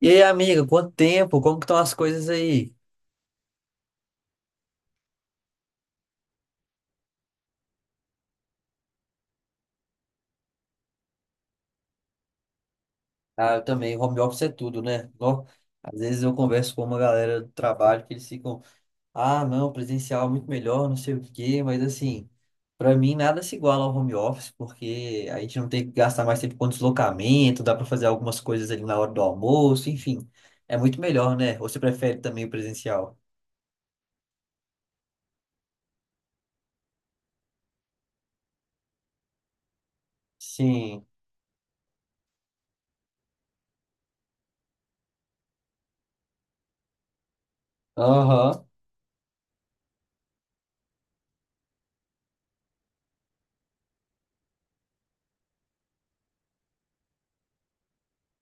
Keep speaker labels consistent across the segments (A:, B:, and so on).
A: E aí, amiga, quanto tempo? Como que estão as coisas aí? Ah, eu também, home office é tudo, né? Ó, às vezes eu converso com uma galera do trabalho que eles ficam, ah, não, presencial é muito melhor, não sei o quê, mas assim, pra mim nada se iguala ao home office, porque a gente não tem que gastar mais tempo com deslocamento, dá pra fazer algumas coisas ali na hora do almoço, enfim, é muito melhor, né? Ou você prefere também o presencial? Sim. Aham.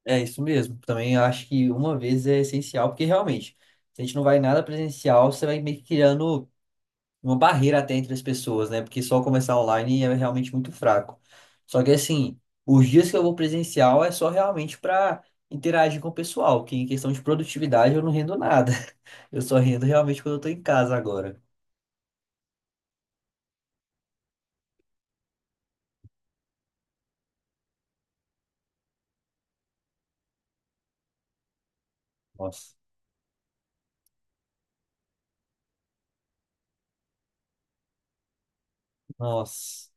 A: É isso mesmo. Também acho que uma vez é essencial, porque realmente, se a gente não vai em nada presencial, você vai meio que criando uma barreira até entre as pessoas, né? Porque só começar online é realmente muito fraco. Só que assim, os dias que eu vou presencial é só realmente para interagir com o pessoal, que em questão de produtividade eu não rendo nada. Eu só rendo realmente quando eu tô em casa agora. Nossa, nossa.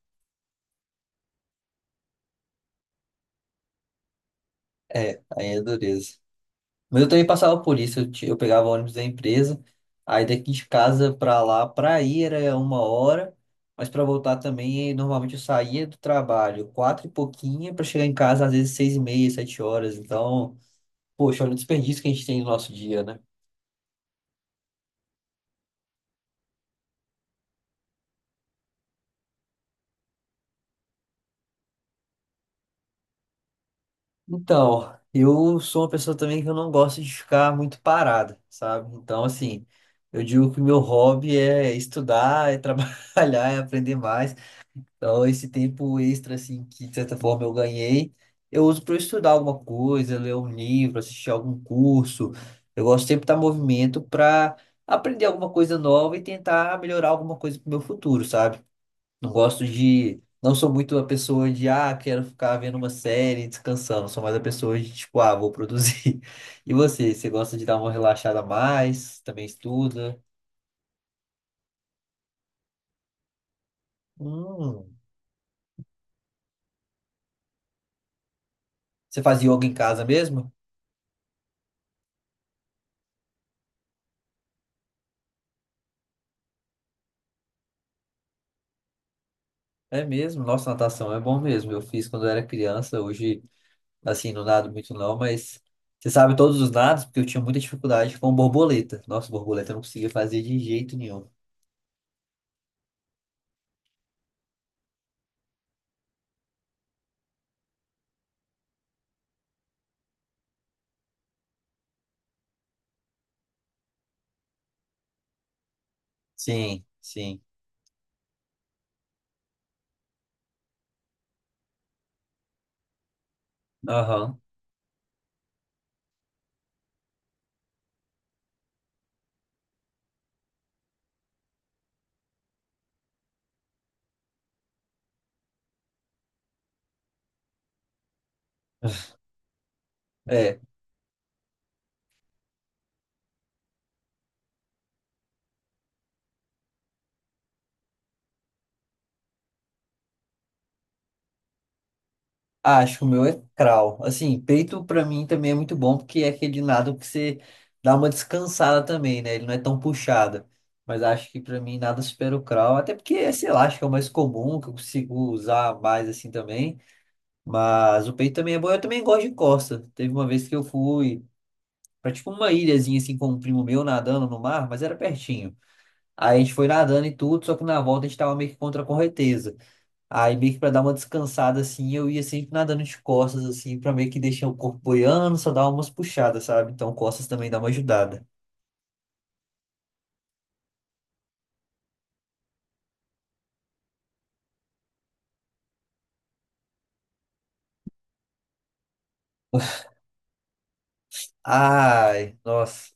A: É, aí é dureza. Mas eu também passava por isso, eu pegava o ônibus da empresa, aí daqui de casa pra lá, pra ir era 1 hora, mas pra voltar também, normalmente eu saía do trabalho quatro e pouquinha pra chegar em casa às vezes 6:30, 7 horas, então, poxa, olha o desperdício que a gente tem no nosso dia, né? Então, eu sou uma pessoa também que eu não gosto de ficar muito parada, sabe? Então, assim, eu digo que o meu hobby é estudar, é trabalhar, é aprender mais, então, esse tempo extra, assim, que de certa forma eu ganhei, eu uso para estudar alguma coisa, ler um livro, assistir algum curso. Eu gosto sempre de estar em movimento para aprender alguma coisa nova e tentar melhorar alguma coisa para o meu futuro, sabe? Não gosto de. Não sou muito a pessoa de, ah, quero ficar vendo uma série e descansando. Sou mais a pessoa de, tipo, ah, vou produzir. E você? Você gosta de dar uma relaxada a mais? Também estuda? Hum. Você faz yoga em casa mesmo? É mesmo, nossa, natação é bom mesmo. Eu fiz quando eu era criança, hoje, assim, não nado muito não, mas você sabe todos os nados, porque eu tinha muita dificuldade com borboleta. Nossa, borboleta eu não conseguia fazer de jeito nenhum. Sim, sim. Aham. É. Ah, acho que o meu é crawl. Assim, peito pra mim também é muito bom, porque é aquele nado que você dá uma descansada também, né? Ele não é tão puxado. Mas acho que pra mim nada supera o crawl, até porque, sei lá, acho que é o mais comum, que eu consigo usar mais assim também. Mas o peito também é bom. Eu também gosto de costa. Teve uma vez que eu fui pra tipo uma ilhazinha assim com um primo meu nadando no mar, mas era pertinho. Aí a gente foi nadando e tudo, só que na volta a gente tava meio que contra a correnteza. Aí meio que pra dar uma descansada assim, eu ia sempre nadando de costas assim, pra meio que deixar o corpo boiando, só dar umas puxadas, sabe? Então costas também dá uma ajudada. Ai, nossa.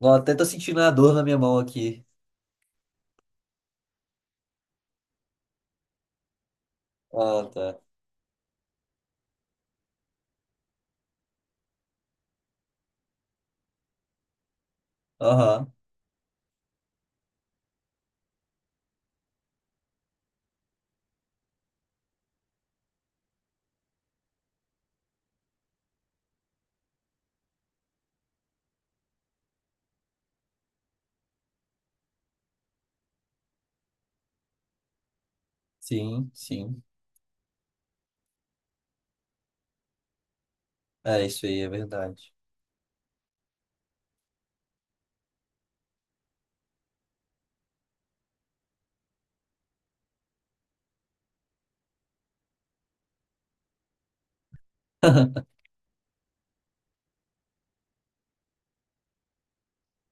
A: Ó, até tô sentindo a dor na minha mão aqui. Ah, tá. Aham. Sim, sim. É isso aí, é verdade.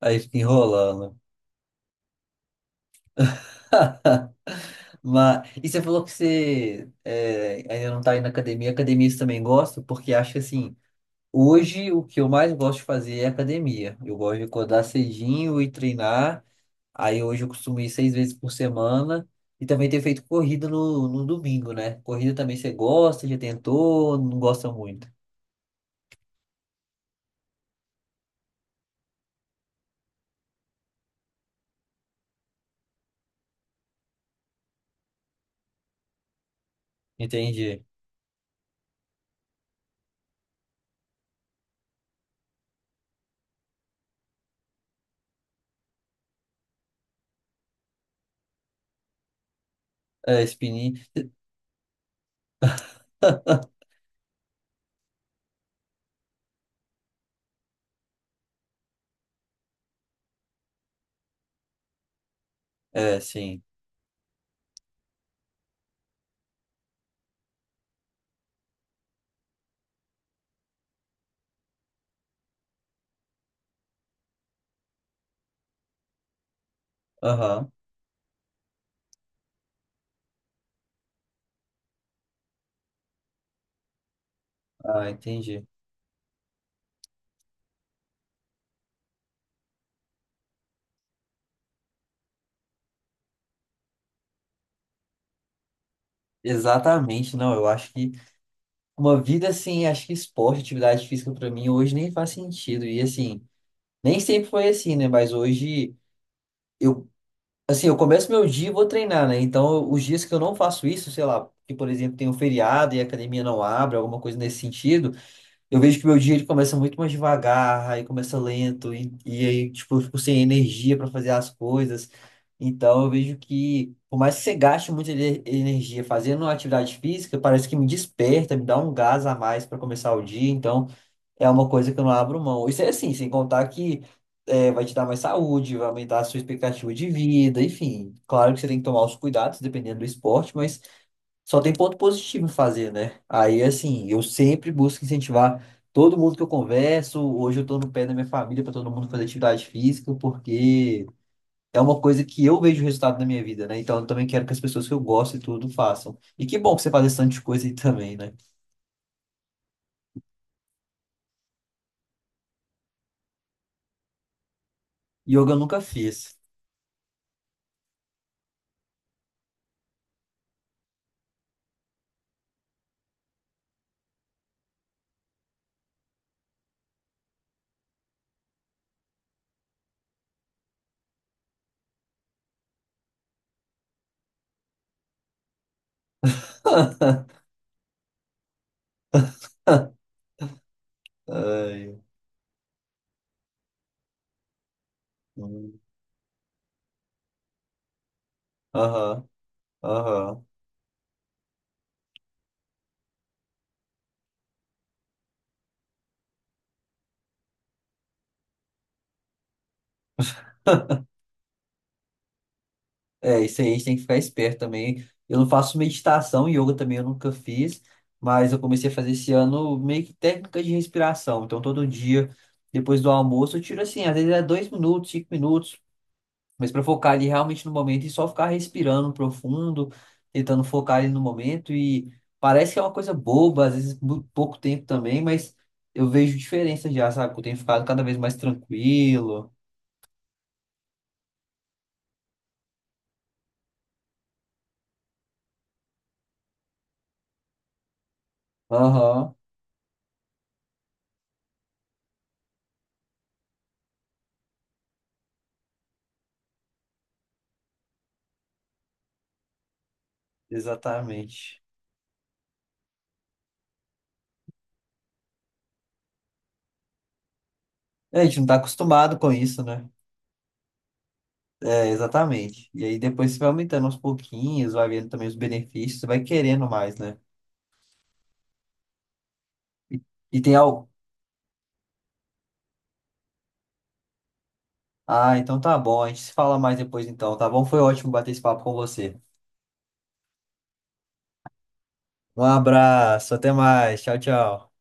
A: Aí fica enrolando. Mas, e você falou que você é, ainda não está indo na academia. Academia eu também gosto, porque acho que assim, hoje o que eu mais gosto de fazer é academia. Eu gosto de acordar cedinho e treinar. Aí hoje eu costumo ir seis vezes por semana. E também ter feito corrida no domingo, né? Corrida também você gosta, já tentou, não gosta muito. Entendi. É, spinning. É, sim. Aham. Ah, entendi. Exatamente, não. Eu acho que. Uma vida assim, acho que esporte, atividade física pra mim hoje nem faz sentido. E assim, nem sempre foi assim, né? Mas hoje eu, assim, eu começo meu dia e vou treinar, né? Então, os dias que eu não faço isso, sei lá, que por exemplo tem um feriado e a academia não abre, alguma coisa nesse sentido, eu vejo que meu dia ele começa muito mais devagar, aí começa lento, e aí, tipo, eu fico sem energia para fazer as coisas. Então, eu vejo que, por mais que você gaste muita energia fazendo uma atividade física, parece que me desperta, me dá um gás a mais para começar o dia. Então, é uma coisa que eu não abro mão. Isso é assim, sem contar que é, vai te dar mais saúde, vai aumentar a sua expectativa de vida, enfim. Claro que você tem que tomar os cuidados, dependendo do esporte, mas. Só tem ponto positivo em fazer, né? Aí, assim, eu sempre busco incentivar todo mundo que eu converso. Hoje eu tô no pé da minha família para todo mundo fazer atividade física, porque é uma coisa que eu vejo o resultado na minha vida, né? Então eu também quero que as pessoas que eu gosto e tudo façam. E que bom que você faz esse tanto de coisa aí também, né? Yoga eu nunca fiz. Ai, hum, aham, aham. É, isso aí a gente tem que ficar esperto também. Eu não faço meditação, yoga também eu nunca fiz, mas eu comecei a fazer esse ano meio que técnica de respiração. Então, todo dia, depois do almoço, eu tiro assim, às vezes é 2 minutos, 5 minutos, mas para focar ali realmente no momento e só ficar respirando profundo, tentando focar ali no momento. E parece que é uma coisa boba, às vezes muito pouco tempo também, mas eu vejo diferença já, sabe? Que eu tenho ficado cada vez mais tranquilo. Aham, exatamente. É, a gente não tá acostumado com isso, né? É, exatamente. E aí depois você vai aumentando aos pouquinhos, vai vendo também os benefícios, você vai querendo mais, né? E, e tem algo. Ah, então tá bom, a gente se fala mais depois então, tá bom? Foi ótimo bater esse papo com você. Um abraço, até mais. Tchau, tchau.